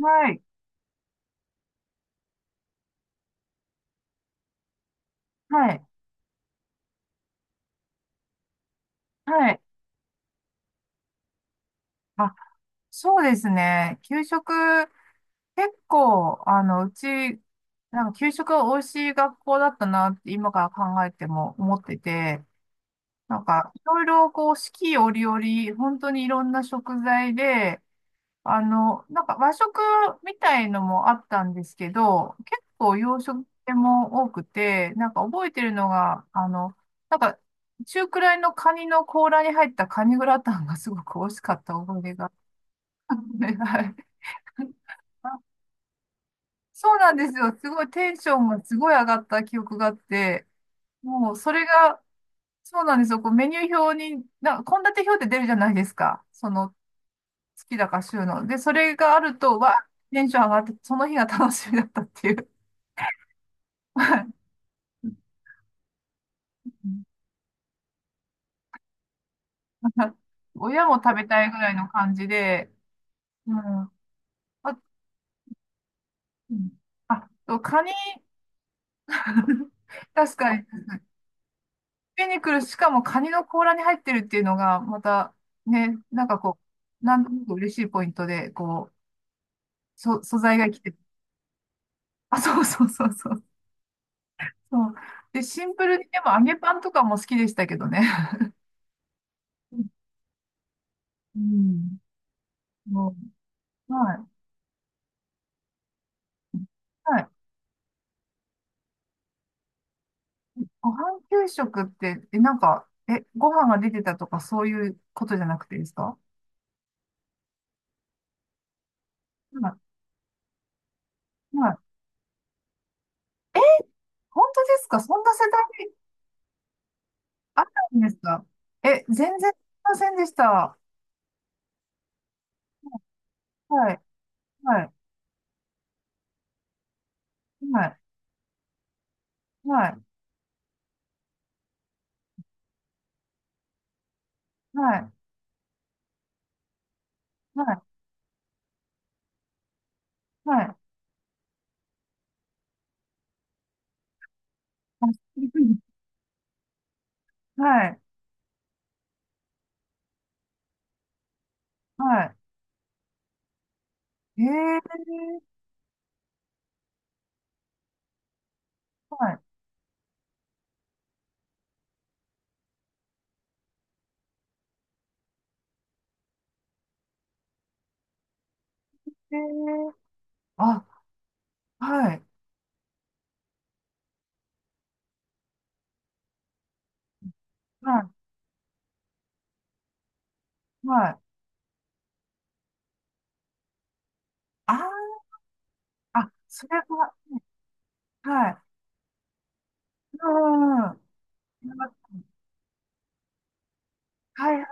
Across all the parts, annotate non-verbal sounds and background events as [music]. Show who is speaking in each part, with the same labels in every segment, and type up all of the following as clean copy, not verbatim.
Speaker 1: はい、はい、はい。あ、そうですね。給食、結構、うち、なんか給食が美味しい学校だったなって今から考えても思ってて、なんか、いろいろこう、四季折々、本当にいろんな食材で、なんか和食みたいのもあったんですけど、結構洋食系も多くて、なんか覚えてるのが、なんか中くらいのカニの甲羅に入ったカニグラタンが [laughs] すごく美味しかった思い出が。[laughs] はい。そうなんですよ。すごいテンションがすごい上がった記憶があって、もうそれが、そうなんですよ。こうメニュー表に、な、献立表って出るじゃないですか。その好きだから収納。で、それがあると、わテンション上がって、その日が楽しみだったっていう。はい。 [laughs] 親も食べたいぐらいの感じで、うん。あ、うん。あと、カニ、[laughs] 確かに、ピニクル、しかもカニの甲羅に入ってるっていうのが、また、ね、なんかこう、なんとなく嬉しいポイントで、こう、そ、素材が生きてる。あ、そうそうそうそう。そう。で、シンプルに、でも揚げパンとかも好きでしたけどね。うん。もう、はい。はい。ご飯給食って、え、なんか、え、ご飯が出てたとかそういうことじゃなくてですか？はい。はい。え、本当ですかそんな世代にあったんですか？え、全然知りませんでした。はい。はい。はい。はい。はい。はい。はい。[laughs] あ、びっくり。はい。はい。えー。はい。えー。あ、はい。はい。はい。あー、あ、それは、はい。うん。はいはい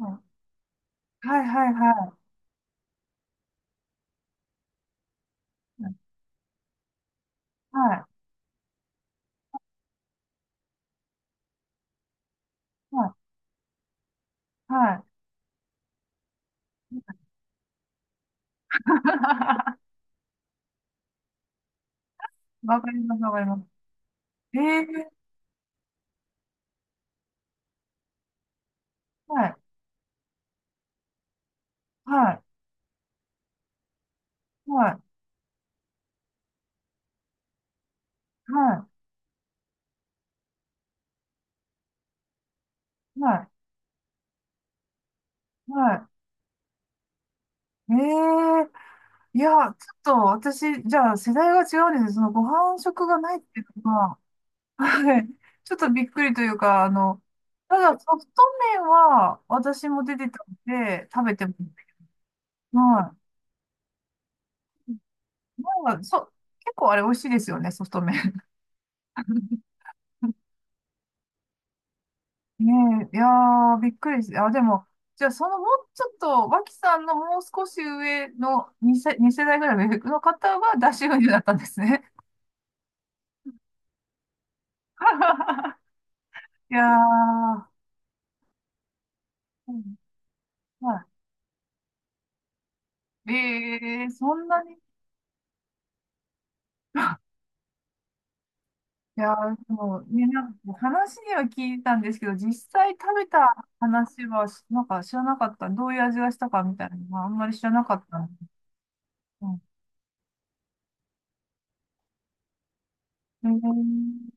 Speaker 1: はい。はいはいはい。はいはいはい。[laughs] わかります、わかります。ええ。はいはいはいはいはいはい。ええ。いや、ちょっと私、じゃあ世代が違うんです。そのご飯食がないっていうのは、はい。ちょっとびっくりというか、ただソフト麺は私も出てたんで、食べても、はい。まあ、そ、結構あれ美味しいですよね、ソフト麺。ねえ、いやー、びっくりして。あ、でも、じゃあ、そのもうちょっと、脇さんのもう少し上の2世、二世代ぐらいの上の方は、出し運輸だったんですね。[laughs] いやー、うん。はい。えー、そんなに。[laughs] いやー、でもね、なんか話には聞いたんですけど、実際食べた話は、なんか知らなかった。どういう味がしたかみたいなのは、あんまり知らなかったんで。うん、えー。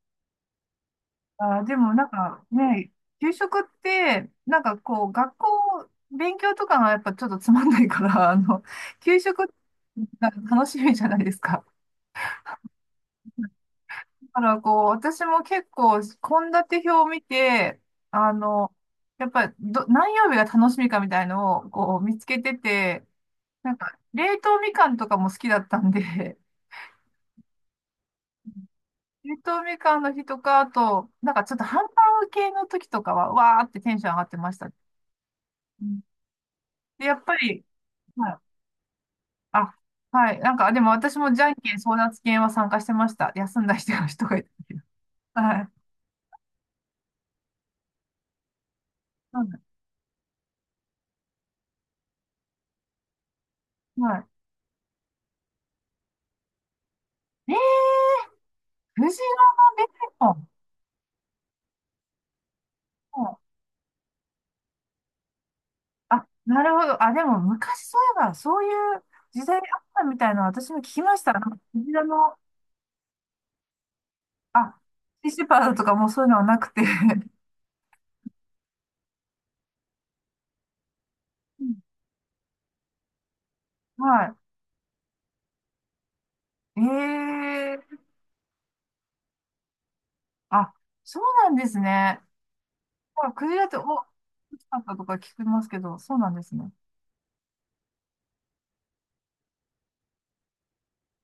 Speaker 1: あー、でもなんかね、給食って、なんかこう、学校、勉強とかがやっぱちょっとつまんないから、[laughs] 給食が楽しみじゃないですか。だからこう、私も結構、献立表を見て、あの、やっぱど、何曜日が楽しみかみたいのをこう見つけてて、なんか、冷凍みかんとかも好きだったんで、[laughs] 冷凍みかんの日とか、あと、なんかちょっとハンバーグ系の時とかは、わーってテンション上がってました。うん。で、やっぱり、はい。あ、はい。なんか、でも私もじゃんけん争奪戦は参加してました。休んだ人がいたけど。はい。うん。はい。えー、藤のベーコン。うん。あ、なるほど。あ、でも昔そういえば、そういう時代あったみたいなの私も聞きました。なんか藤原の、あ、シーシェパードとかもうそういうのはなくて。うん。はい。えー、あ、そうなんですね。まあ、クジラって、お、大きかったとか聞きますけど、そうなんですね。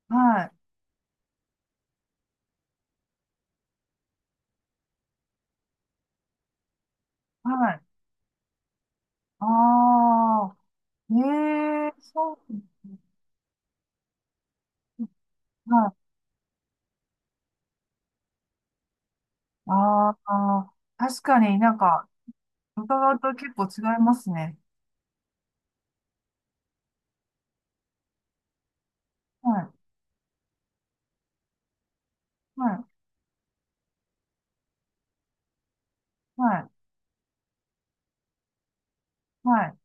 Speaker 1: はい。はい。ああ、ええそうですね。はい。ああ、確かになんか、伺うと結構違いますね。はい、はい、はい、はい、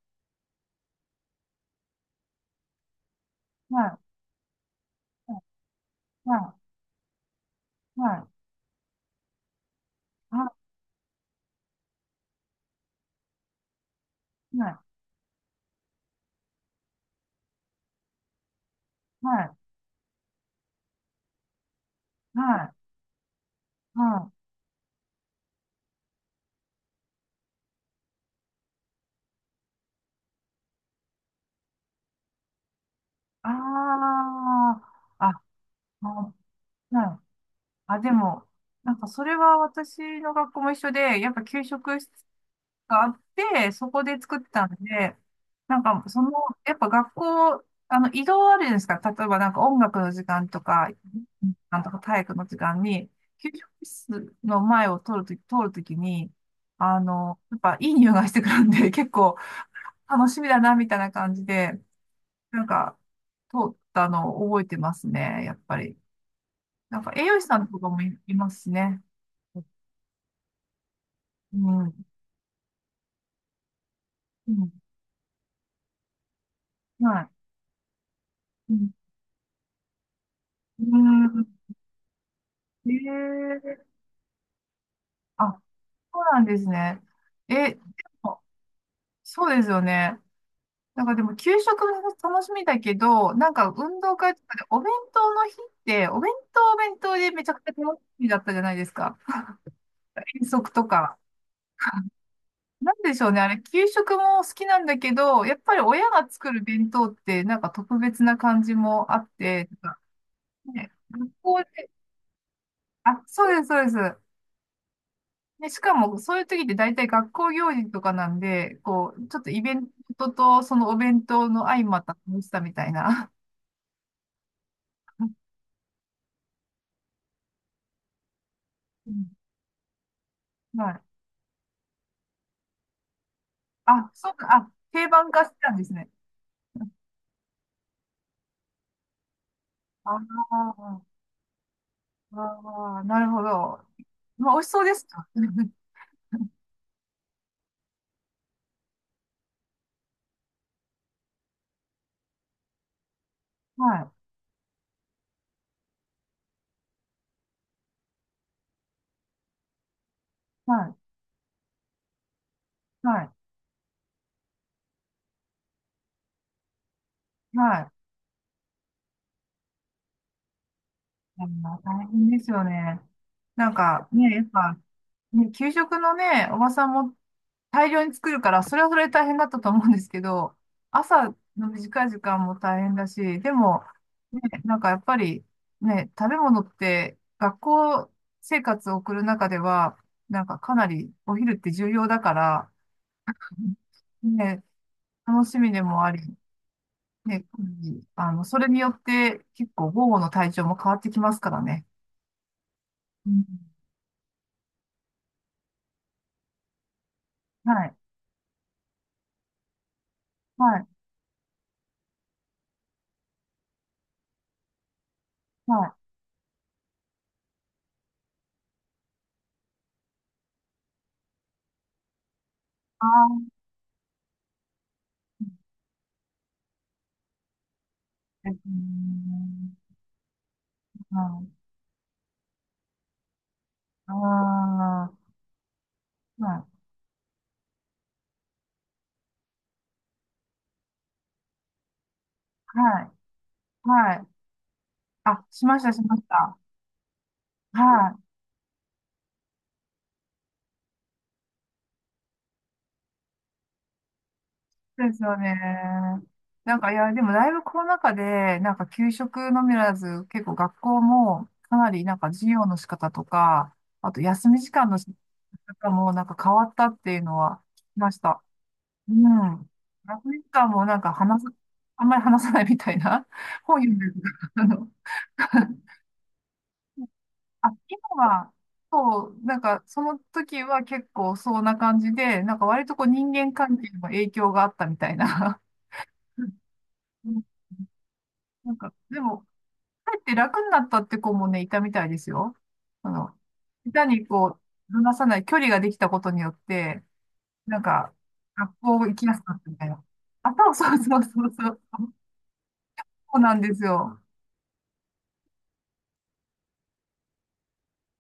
Speaker 1: はい、はい、はい、はい、はい、はい、はい、はい。ああ、あ、あ、はい。あ、でも、なんかそれは私の学校も一緒で、やっぱ給食室があって、そこで作ってたんで、なんか、その、やっぱ学校、移動あるじゃないですか。例えばなんか音楽の時間とか、なんとか体育の時間に、給食室の前を通るときに、やっぱいい匂いがしてくるんで、[laughs] 結構楽しみだな、みたいな感じで、なんか、通ったのを覚えてますね、やっぱり。なんか栄養士さんとかもい、いますしね。うん。うん。はい。うん。うん。えー、あ、そうなんですね。え、でもそうですよね。なんかでも給食も楽しみだけど、なんか運動会とかでお弁当の日って、お弁当はお弁当でめちゃくちゃ楽しみだったじゃないですか。遠足とか。なんでしょうね。あれ、給食も好きなんだけど、やっぱり親が作る弁当ってなんか特別な感じもあって、なんかね、学校で、あ、そうです、そうです。で、しかも、そういう時って大体学校行事とかなんで、こう、ちょっとイベントとそのお弁当の相まった楽しさみたいな。[laughs] うん。はい。あ、そうか、あ、定番化してたんですね。ああ、ああ、なるほど。まあ、美味しそうでした。はい、はい、はい、はい。あの大変ですよね。なんかね、やっぱ、ね、給食のね、おばさん持っ大量に作るから、それはそれで大変だったと思うんですけど、朝の短い時間も大変だし、でも、ね、なんかやっぱり、ね、食べ物って学校生活を送る中では、なんかかなりお昼って重要だから、ね、楽しみでもあり、ね、それによって結構午後の体調も変わってきますからね。うん、はい、はい、はい。ああ、うん、はい、ああ、はい。はい。はい。あ、しました、しました。はい。そうですよね。なんか、いや、でもだいぶコロナ禍で、なんか給食のみならず、結構学校もかなりなんか授業の仕方とか、あと休み時間の仕方もなんか変わったっていうのは聞きました。うん。休み時間もなんか話す、あんまり話さないみたいな、本読んでるとか、あの、あ、今は、そう、なんか、その時は結構そんな感じで、なんか割とこう人間関係にも影響があったみたいな。[laughs] うん。なんか、でも、帰って楽になったって子もね、いたみたいですよ。あの、下手にこう、離さない距離ができたことによって、なんか、学校行きやすくなったみたいな。あ、そうそうそうそうそう、そうなんですよ。